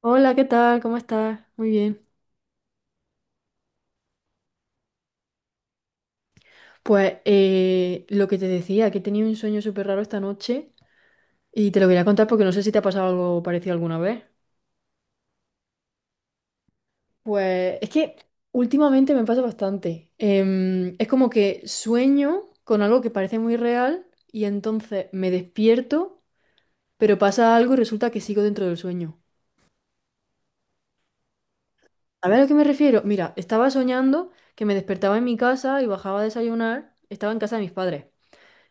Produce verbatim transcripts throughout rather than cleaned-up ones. Hola, ¿qué tal? ¿Cómo estás? Muy bien. Pues eh, lo que te decía, que he tenido un sueño súper raro esta noche y te lo quería contar porque no sé si te ha pasado algo parecido alguna vez. Pues es que últimamente me pasa bastante. Em, es como que sueño con algo que parece muy real y entonces me despierto, pero pasa algo y resulta que sigo dentro del sueño. A ver a lo que me refiero. Mira, estaba soñando que me despertaba en mi casa y bajaba a desayunar. Estaba en casa de mis padres.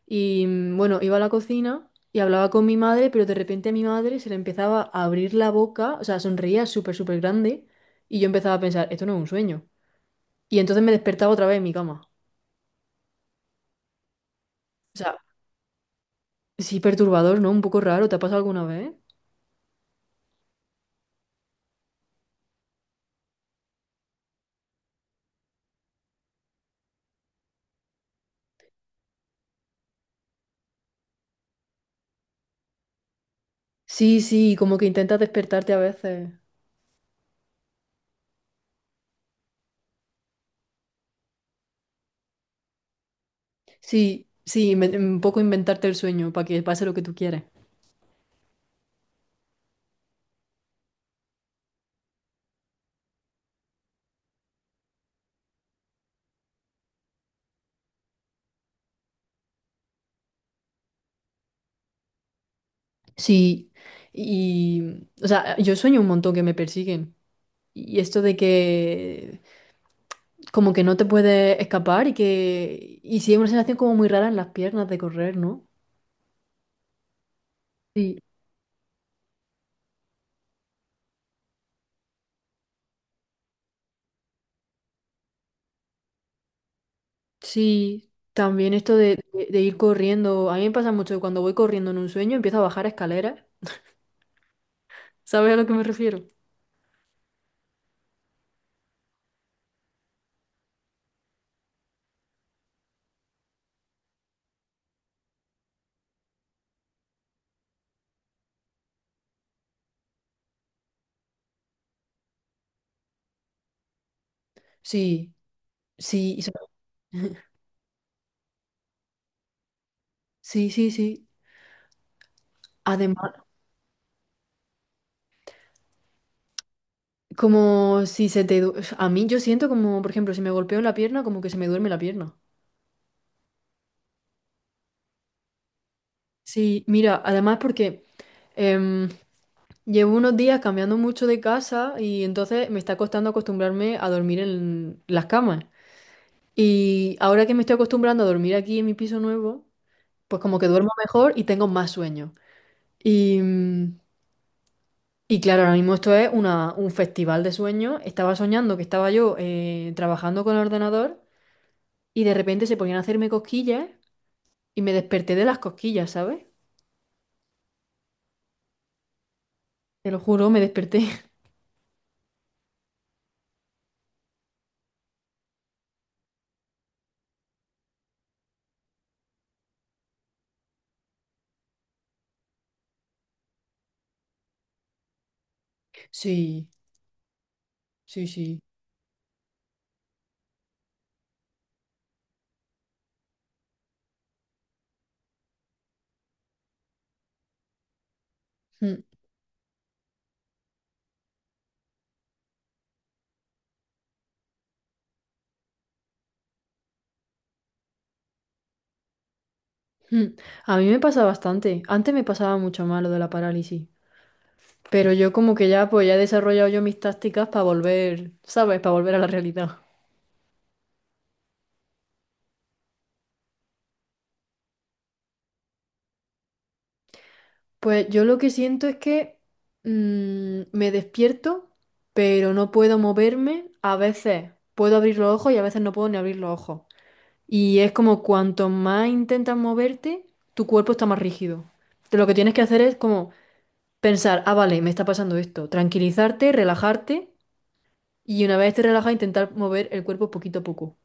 Y mm, bueno, iba a la cocina y hablaba con mi madre, pero de repente a mi madre se le empezaba a abrir la boca, o sea, sonreía súper, súper grande y yo empezaba a pensar, esto no es un sueño. Y entonces me despertaba otra vez en mi cama. O sea, sí, perturbador, ¿no? Un poco raro, ¿te ha pasado alguna vez? Sí, sí, como que intentas despertarte a veces. Sí, sí, inven- un poco inventarte el sueño para que pase lo que tú quieres. Sí, y, o sea, yo sueño un montón que me persiguen. Y esto de que como que no te puedes escapar y que y sí es una sensación como muy rara en las piernas de correr, ¿no? Sí. Sí, también esto de, de- de ir corriendo, a mí me pasa mucho que cuando voy corriendo en un sueño empiezo a bajar escaleras. ¿Sabes a lo que me refiero? Sí, sí, y so- sí, sí, sí. Además, como si se te... du- A mí yo siento como, por ejemplo, si me golpeo en la pierna, como que se me duerme la pierna. Sí, mira, además porque... em, llevo unos días cambiando mucho de casa y entonces me está costando acostumbrarme a dormir en las camas. Y ahora que me estoy acostumbrando a dormir aquí en mi piso nuevo, pues como que duermo mejor y tengo más sueño. Y, mm, y claro, ahora mismo esto es una- un festival de sueños. Estaba soñando que estaba yo eh, trabajando con el ordenador y de repente se ponían a hacerme cosquillas y me desperté de las cosquillas, ¿sabes? Te lo juro, me desperté. Sí, sí, sí. Mm. Mm, a mí me pasa bastante. Antes me pasaba mucho más lo de la parálisis. Pero yo como que ya, pues ya he desarrollado yo mis tácticas para volver, ¿sabes? Para volver a la realidad. Pues yo lo que siento es que mm, me despierto, pero no puedo moverme. A veces puedo abrir los ojos y a veces no puedo ni abrir los ojos. Y es como cuanto más intentas moverte, tu cuerpo está más rígido. Entonces, lo que tienes que hacer es como pensar, ah, vale, me está pasando esto. Tranquilizarte, relajarte y una vez esté relajada intentar mover el cuerpo poquito a poco.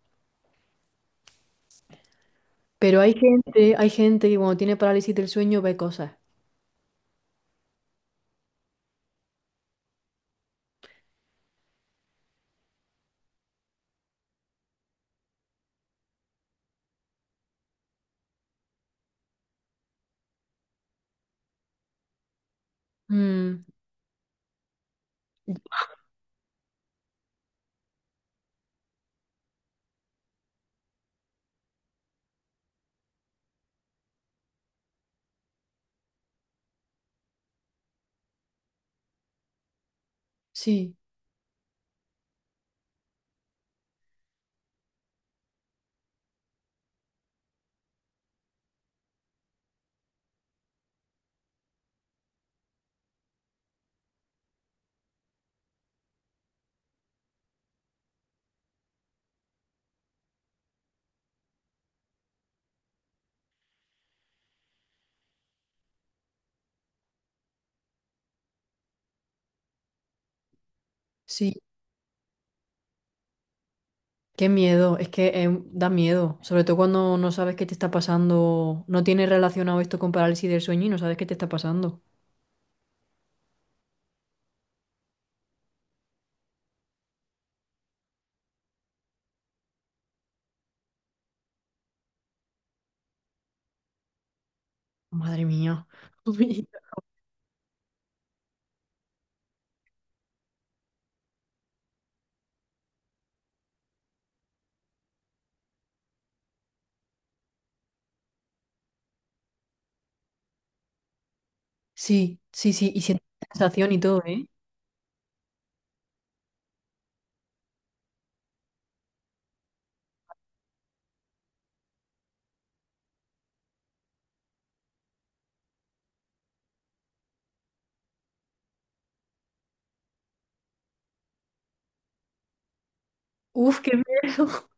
Pero hay gente, hay gente que cuando tiene parálisis del sueño ve cosas. Mm, sí, sí. Qué miedo, es que eh, da miedo, sobre todo cuando no sabes qué te está pasando, no tienes relacionado esto con parálisis del sueño y no sabes qué te está pasando. Madre mía. Sí, sí, sí, y sientes sensación y todo, ¿eh? Uf, qué miedo.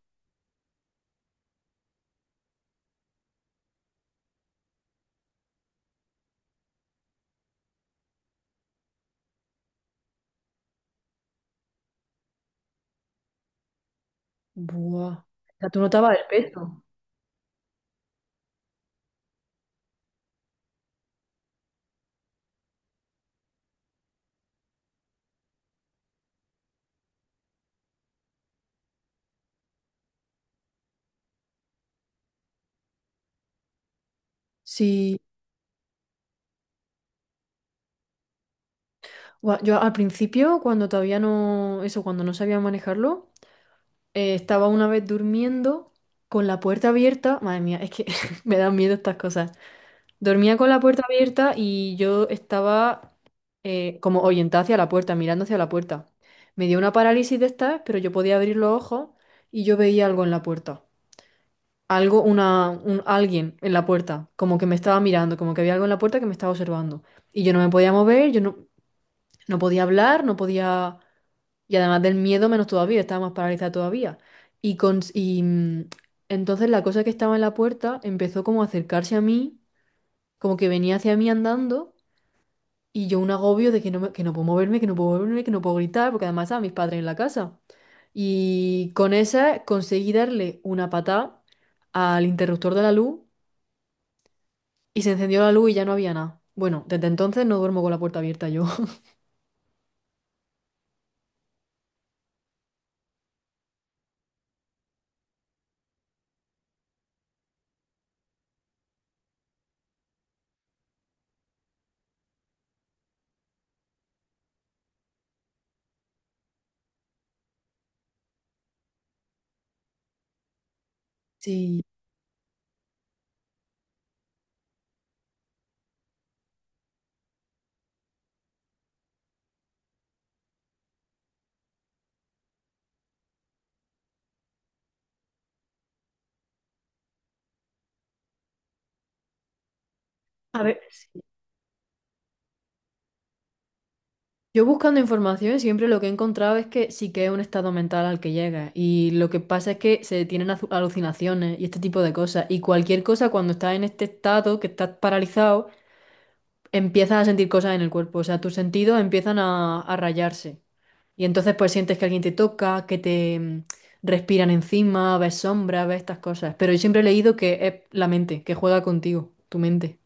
Buah. O sea, tú notabas el peso. Sí. Buah, yo al principio, cuando todavía no, eso, cuando no sabía manejarlo, Eh, estaba una vez durmiendo con la puerta abierta. Madre mía, es que me dan miedo estas cosas. Dormía con la puerta abierta y yo estaba eh, como orientada hacia la puerta, mirando hacia la puerta. Me dio una parálisis de estas, pero yo podía abrir los ojos y yo veía algo en la puerta. Algo, una, un, alguien en la puerta, como que me estaba mirando, como que había algo en la puerta que me estaba observando. Y yo no me podía mover, yo no, no podía hablar, no podía. Y además del miedo, menos todavía, estaba más paralizada todavía. Y, con, y mm, entonces la cosa que estaba en la puerta empezó como a acercarse a mí, como que venía hacia mí andando, y yo un agobio de que no, me- que no puedo moverme, que no puedo moverme, que no puedo gritar, porque además estaban mis padres en la casa. Y con esa conseguí darle una patada al interruptor de la luz y se encendió la luz y ya no había nada. Bueno, desde entonces no duermo con la puerta abierta yo. Sí. A ver. Yo buscando información siempre lo que he encontrado es que sí que es un estado mental al que llega y lo que pasa es que se tienen azu- alucinaciones y este tipo de cosas y cualquier cosa cuando estás en este estado que estás paralizado empiezas a sentir cosas en el cuerpo, o sea, tus sentidos empiezan a, a rayarse y entonces pues sientes que alguien te toca, que te mm, respiran encima, ves sombras, ves estas cosas, pero yo siempre he leído que es la mente, que juega contigo, tu mente.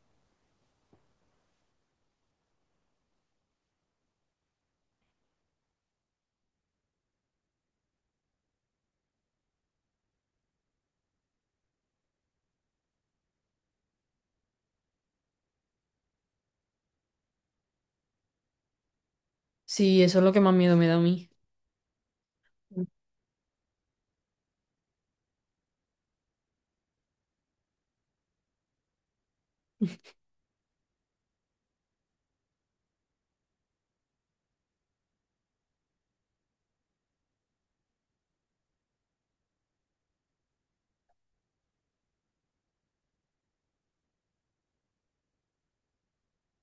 Sí, eso es lo que más miedo me da a mí.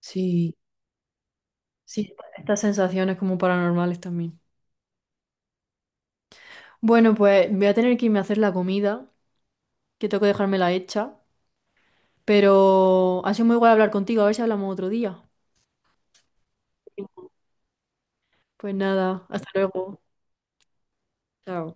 Sí. Sí, estas sensaciones como paranormales también. Bueno, pues voy a tener que irme a hacer la comida, que tengo que dejármela hecha, pero ha sido muy guay hablar contigo, a ver si hablamos otro día. Pues nada, hasta luego. Chao.